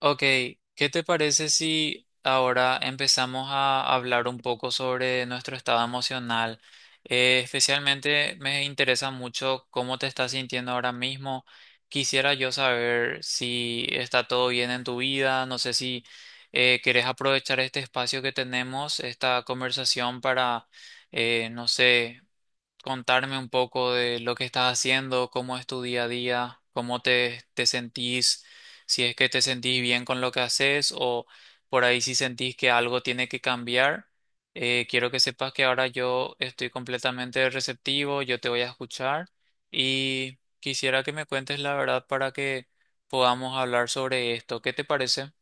Ok, ¿qué te parece si ahora empezamos a hablar un poco sobre nuestro estado emocional? Especialmente me interesa mucho cómo te estás sintiendo ahora mismo. Quisiera yo saber si está todo bien en tu vida. No sé si querés aprovechar este espacio que tenemos, esta conversación para, no sé, contarme un poco de lo que estás haciendo, cómo es tu día a día, cómo te sentís, si es que te sentís bien con lo que haces o por ahí si sentís que algo tiene que cambiar. Quiero que sepas que ahora yo estoy completamente receptivo, yo te voy a escuchar y quisiera que me cuentes la verdad para que podamos hablar sobre esto. ¿Qué te parece?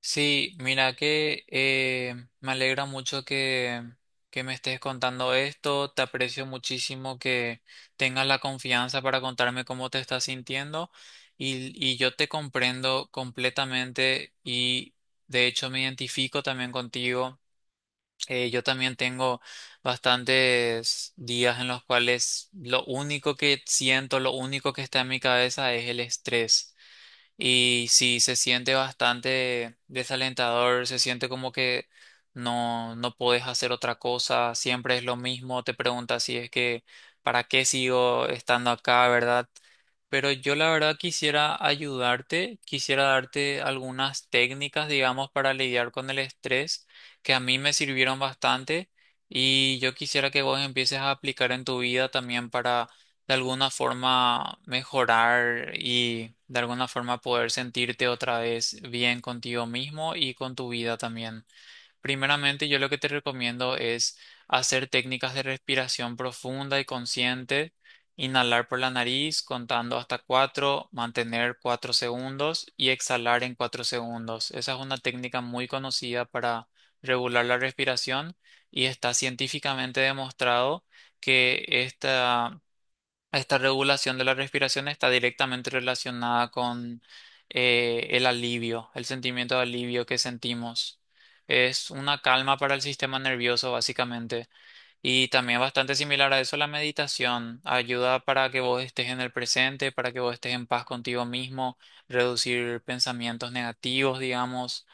Sí, mira que me alegra mucho que me estés contando esto. Te aprecio muchísimo que tengas la confianza para contarme cómo te estás sintiendo y yo te comprendo completamente y de hecho me identifico también contigo. Yo también tengo bastantes días en los cuales lo único que siento, lo único que está en mi cabeza es el estrés. Y sí, se siente bastante desalentador, se siente como que no puedes hacer otra cosa, siempre es lo mismo, te preguntas si es que ¿para qué sigo estando acá, verdad? Pero yo la verdad quisiera ayudarte, quisiera darte algunas técnicas, digamos, para lidiar con el estrés que a mí me sirvieron bastante y yo quisiera que vos empieces a aplicar en tu vida también, de alguna forma mejorar y de alguna forma poder sentirte otra vez bien contigo mismo y con tu vida también. Primeramente, yo lo que te recomiendo es hacer técnicas de respiración profunda y consciente, inhalar por la nariz contando hasta cuatro, mantener cuatro segundos y exhalar en cuatro segundos. Esa es una técnica muy conocida para regular la respiración y está científicamente demostrado que esta regulación de la respiración está directamente relacionada con el alivio, el sentimiento de alivio que sentimos. Es una calma para el sistema nervioso, básicamente, y también bastante similar a eso la meditación. Ayuda para que vos estés en el presente, para que vos estés en paz contigo mismo, reducir pensamientos negativos, digamos.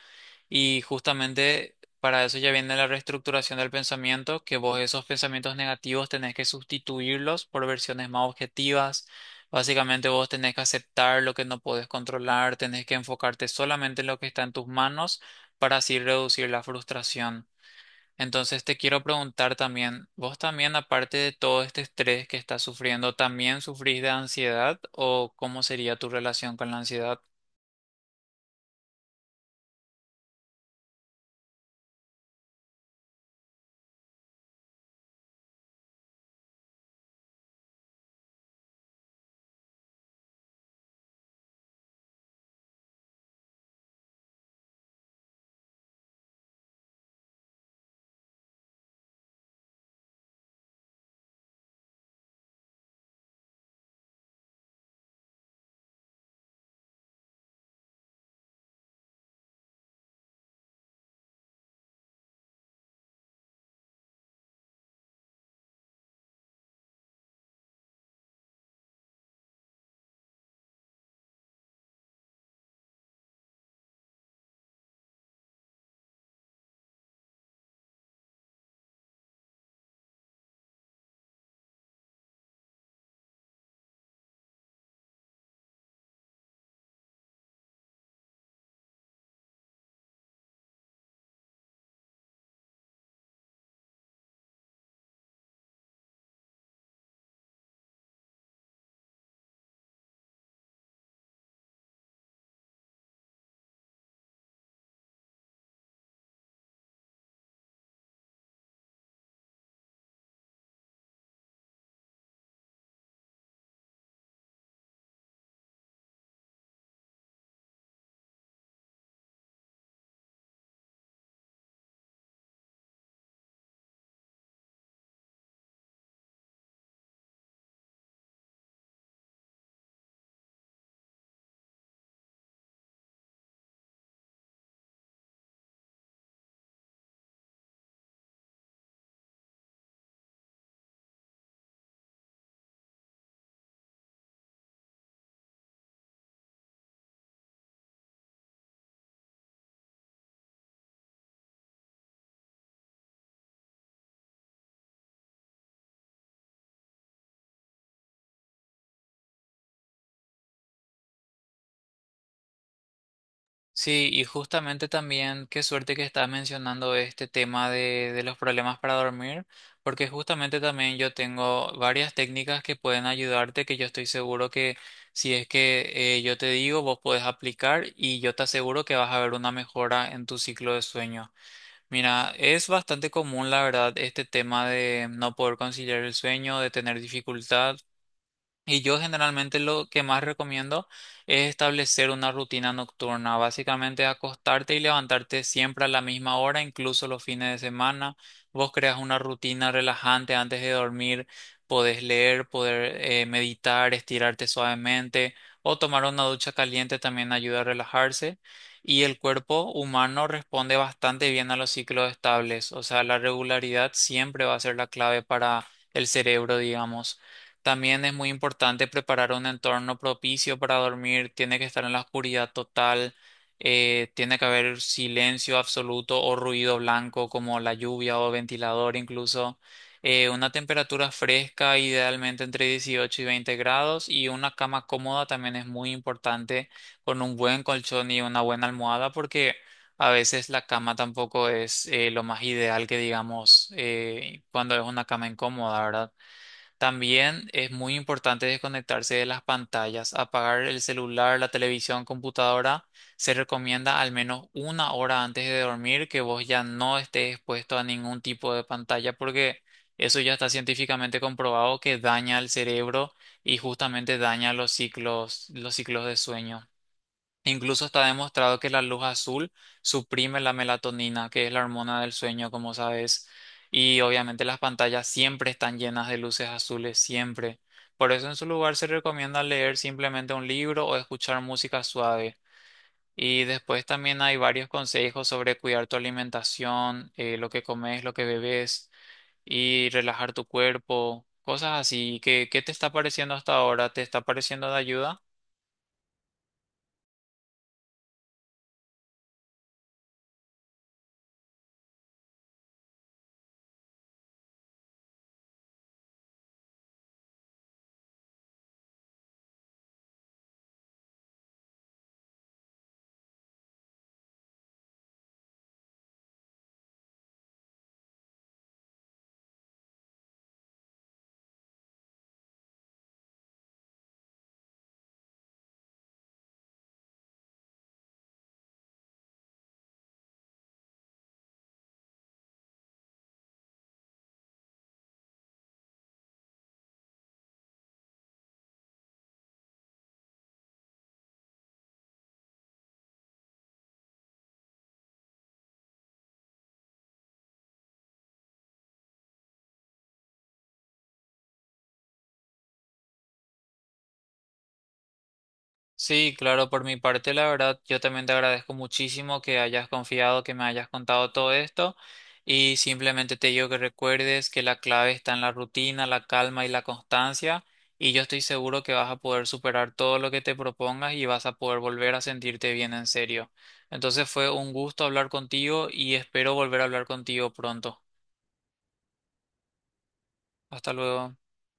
Y justamente para eso ya viene la reestructuración del pensamiento, que vos esos pensamientos negativos tenés que sustituirlos por versiones más objetivas. Básicamente vos tenés que aceptar lo que no podés controlar, tenés que enfocarte solamente en lo que está en tus manos para así reducir la frustración. Entonces te quiero preguntar también, ¿vos también, aparte de todo este estrés que estás sufriendo, también sufrís de ansiedad o cómo sería tu relación con la ansiedad? Sí, y justamente también qué suerte que estás mencionando este tema de los problemas para dormir, porque justamente también yo tengo varias técnicas que pueden ayudarte, que yo estoy seguro que si es que yo te digo, vos podés aplicar y yo te aseguro que vas a ver una mejora en tu ciclo de sueño. Mira, es bastante común, la verdad, este tema de no poder conciliar el sueño, de tener dificultad. Y yo generalmente lo que más recomiendo es establecer una rutina nocturna, básicamente acostarte y levantarte siempre a la misma hora, incluso los fines de semana. Vos creas una rutina relajante antes de dormir, podés leer, poder meditar, estirarte suavemente o tomar una ducha caliente también ayuda a relajarse. Y el cuerpo humano responde bastante bien a los ciclos estables, o sea, la regularidad siempre va a ser la clave para el cerebro, digamos. También es muy importante preparar un entorno propicio para dormir. Tiene que estar en la oscuridad total. Tiene que haber silencio absoluto o ruido blanco, como la lluvia o ventilador incluso. Una temperatura fresca, idealmente entre 18 y 20 grados. Y una cama cómoda también es muy importante, con un buen colchón y una buena almohada, porque a veces la cama tampoco es lo más ideal, que digamos cuando es una cama incómoda, ¿verdad? También es muy importante desconectarse de las pantallas, apagar el celular, la televisión, computadora. Se recomienda al menos una hora antes de dormir que vos ya no estés expuesto a ningún tipo de pantalla, porque eso ya está científicamente comprobado que daña al cerebro y justamente daña los ciclos de sueño. Incluso está demostrado que la luz azul suprime la melatonina, que es la hormona del sueño, como sabes. Y obviamente las pantallas siempre están llenas de luces azules, siempre. Por eso en su lugar se recomienda leer simplemente un libro o escuchar música suave. Y después también hay varios consejos sobre cuidar tu alimentación, lo que comes, lo que bebes y relajar tu cuerpo, cosas así. ¿Qué, qué te está pareciendo hasta ahora? ¿Te está pareciendo de ayuda? Sí, claro, por mi parte, la verdad, yo también te agradezco muchísimo que hayas confiado, que me hayas contado todo esto, y simplemente te digo que recuerdes que la clave está en la rutina, la calma y la constancia, y yo estoy seguro que vas a poder superar todo lo que te propongas y vas a poder volver a sentirte bien en serio. Entonces fue un gusto hablar contigo y espero volver a hablar contigo pronto. Hasta luego.